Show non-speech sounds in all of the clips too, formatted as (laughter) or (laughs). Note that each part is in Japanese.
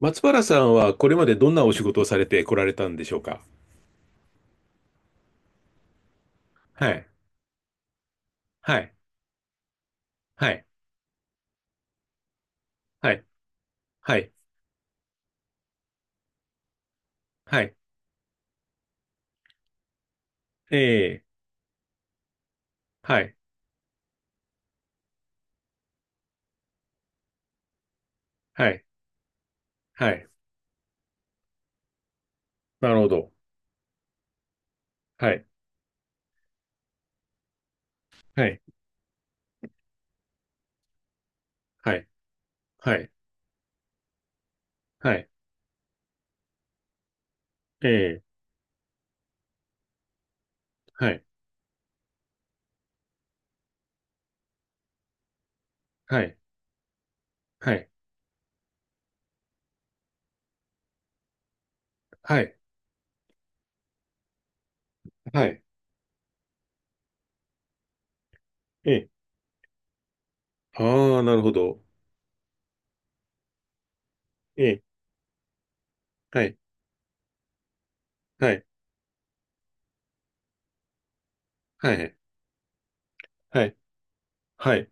松原さんはこれまでどんなお仕事をされてこられたんでしょうか？はい、はい、はい、はい、はい、はい、ええ、はい、はい、はい、なるほど。はい、はい、はい、はい、はい、ええ、はい、はい、はい、はい、はい、ええ、ああ、なるほど。ええ、はい、はい、はい、はい、はい、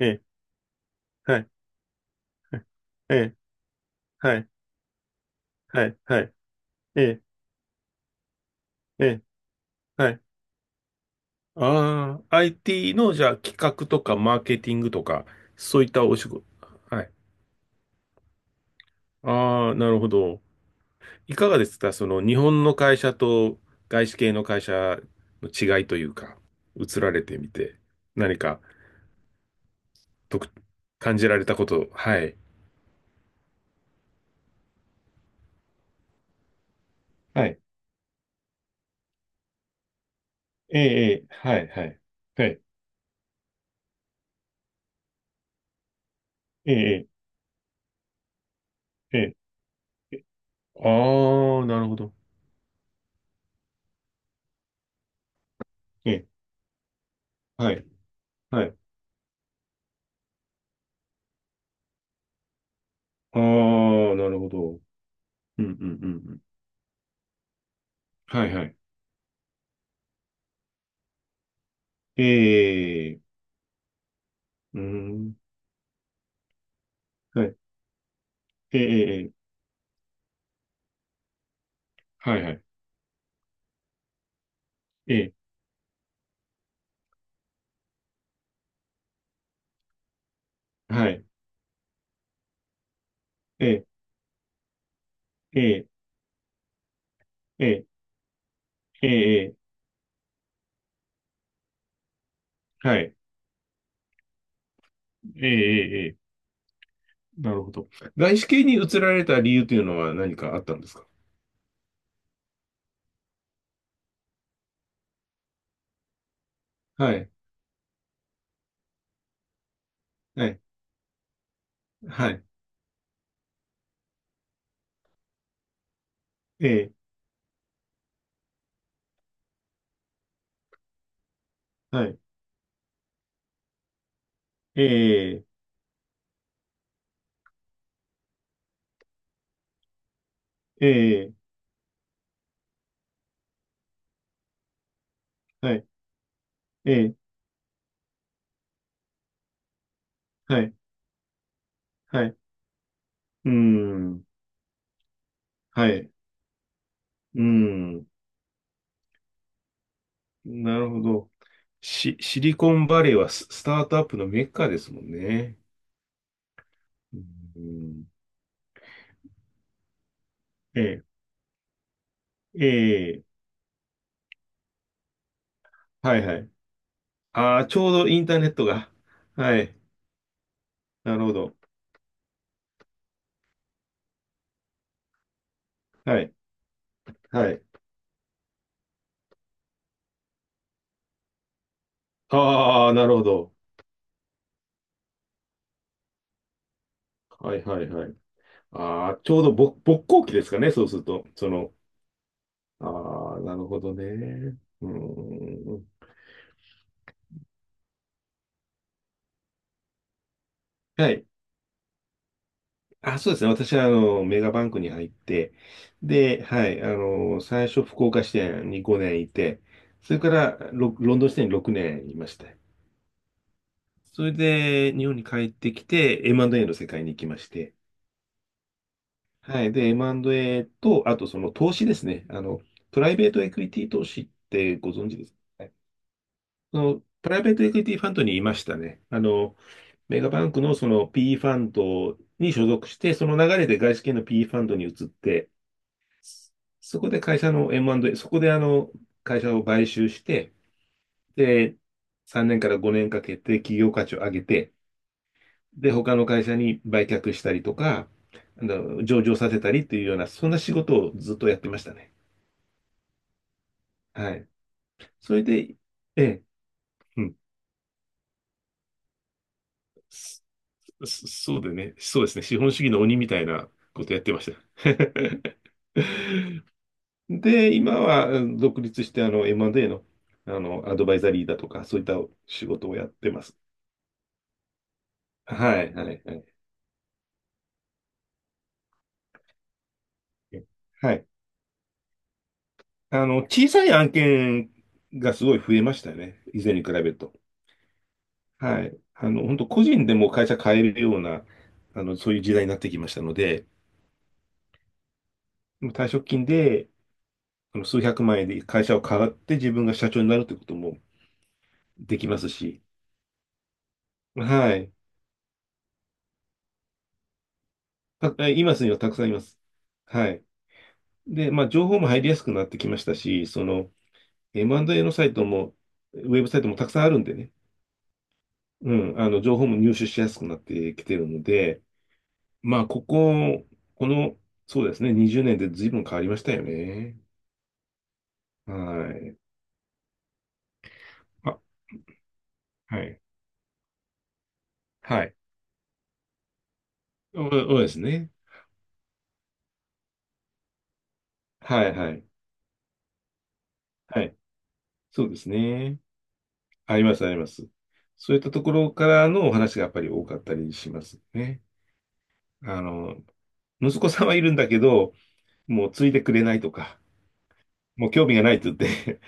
ええ、はい、はい、ええ、はい、はい、はい、ええ、ええ、はい、ああ、IT の、じゃあ、企画とかマーケティングとか、そういったお仕事。はい。ああ、なるほど。いかがですかその、日本の会社と外資系の会社の違いというか、移られてみて、何か、とく、感じられたこと、はい。はい。ええ、ええはい、はい。はい。ええ、ええ、ええ、ああ、なるほど。ええはい、はい。ああ、なるほど。うん、うん、うん。うんはい、はい。ええ、うん。はい。ええ、ええ、はい、はい。ええ、はい。ええ、ええ、ええ、ええ、はい。ええ、ええ、ええなるほど。外資系に移られた理由というのは何かあったんですか？はい、はい、はい。ええ、はい。ええ、ええ、はい。ええ、はい、はい。うーん、はい。うーん、なるほど。シリコンバレーはスタートアップのメッカですもんね。うーん、ええ、ええ、はい、はい。ああ、ちょうどインターネットが。はい。なるほど。はい。はい。ああ、なるほど。はいはいはい。ああ、ちょうど勃興期ですかね、そうすると。その、ああ、なるほどね。うーん。はい。あ、そうですね。私は、メガバンクに入って、で、はい。最初、福岡支店に5年いて、それから、ロンドン支店に6年いました。それで、日本に帰ってきて、M&A の世界に行きまして、はい。で、M&A と、あとその投資ですね。プライベートエクイティ投資ってご存知ですか？はいその、プライベートエクイティファンドにいましたね。メガバンクのその PE ファンドに所属して、その流れで外資系の PE ファンドに移って、そそこで会社の M&A、そこで会社を買収して、で、3年から5年かけて企業価値を上げて、で、他の会社に売却したりとか、上場させたりっていうような、そんな仕事をずっとやってましたね。はい。それで、ええ、うん。そそそうでね、そうですね、資本主義の鬼みたいなことやってました。(laughs) で、今は、うん、独立して、M&A の、アドバイザリーだとか、そういった仕事をやってます。はい、はい、はい。はい。小さい案件がすごい増えましたよね。以前に比べると。はい。本当個人でも会社変えるような、そういう時代になってきましたので、退職金で、数百万円で会社を買って自分が社長になるということもできますし、はい。たえいますにはたくさんいます。はい。で、まあ、情報も入りやすくなってきましたし、その M&A のサイトも、ウェブサイトもたくさんあるんでね、うん、情報も入手しやすくなってきてるので、まあ、この、そうですね、20年で随分変わりましたよね。はい。あ、はい。はい。そうそうですね。はい、はい。はい。そうですね。あります、あります。そういったところからのお話がやっぱり多かったりしますね。あの、息子さんはいるんだけど、もうついてくれないとか、もう興味がないって言って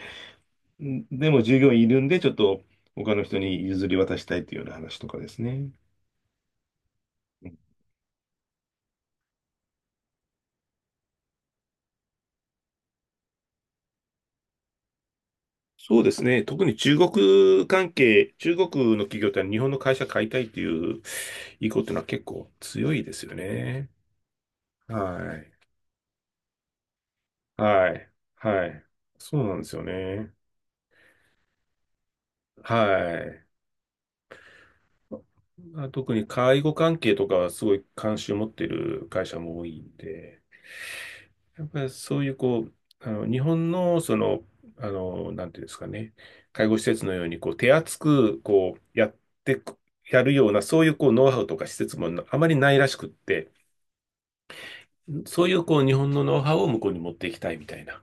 (laughs) んでも従業員いるんで、ちょっと他の人に譲り渡したいというような話とかですね。うんそうですね。特に中国関係、中国の企業って日本の会社買いたいっていう意向っていうのは結構強いですよね。はい。はい。はい。そうなんですよね。はい。まあ、特に介護関係とかはすごい関心を持っている会社も多いんで、やっぱりそういうこう、日本のその、なんていうんですかね、介護施設のようにこう手厚くこうやってく、やるような、そういうこうノウハウとか施設もあまりないらしくって、そういうこう日本のノウハウを向こうに持っていきたいみたいな、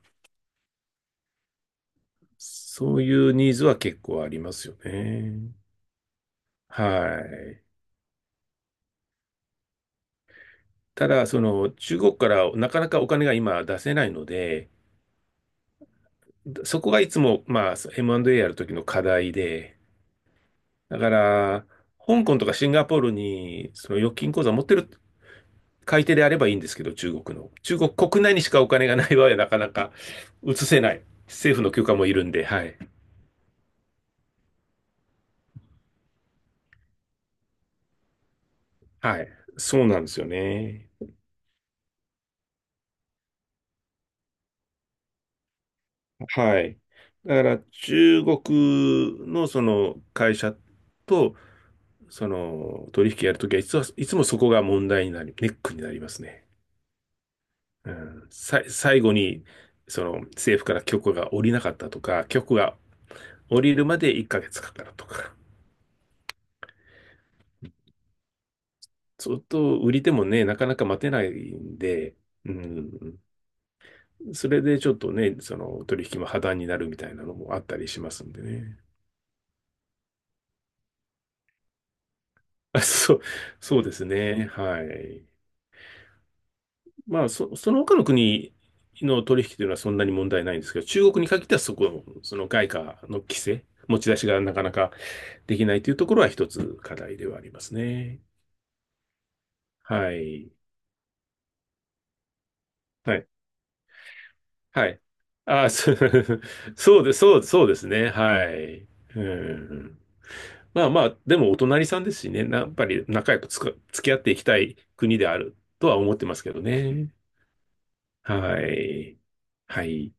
そういうニーズは結構ありますよね。はい。ただ、中国からなかなかお金が今出せないので、そこがいつも、まあ、M&A やるときの課題で、だから、香港とかシンガポールに、その預金口座持ってる買い手であればいいんですけど、中国の。中国国内にしかお金がない場合はなかなか移せない。政府の許可もいるんで、はい。はい。そうなんですよね。はい。だから、中国のその会社と、その取引やるときはいつもそこが問題になり、ネックになりますね。うん、最後に、その政府から許可が下りなかったとか、許可が下りるまで1ヶ月かかるとか、ずっと売り手もね、なかなか待てないんで、うん、それでちょっとね、その取引も破談になるみたいなのもあったりしますんでね。あ、そう、そうですね。はい。まあ、その他の国の取引というのはそんなに問題ないんですけど、中国に限ってはその外貨の規制、持ち出しがなかなかできないというところは一つ課題ではありますね。はい。はい。はい。あ、そ (laughs) うそうです、そう、そうですね。はい。うん。まあまあ、でもお隣さんですしね、やっぱり仲良く付き合っていきたい国であるとは思ってますけどね。はい。はい。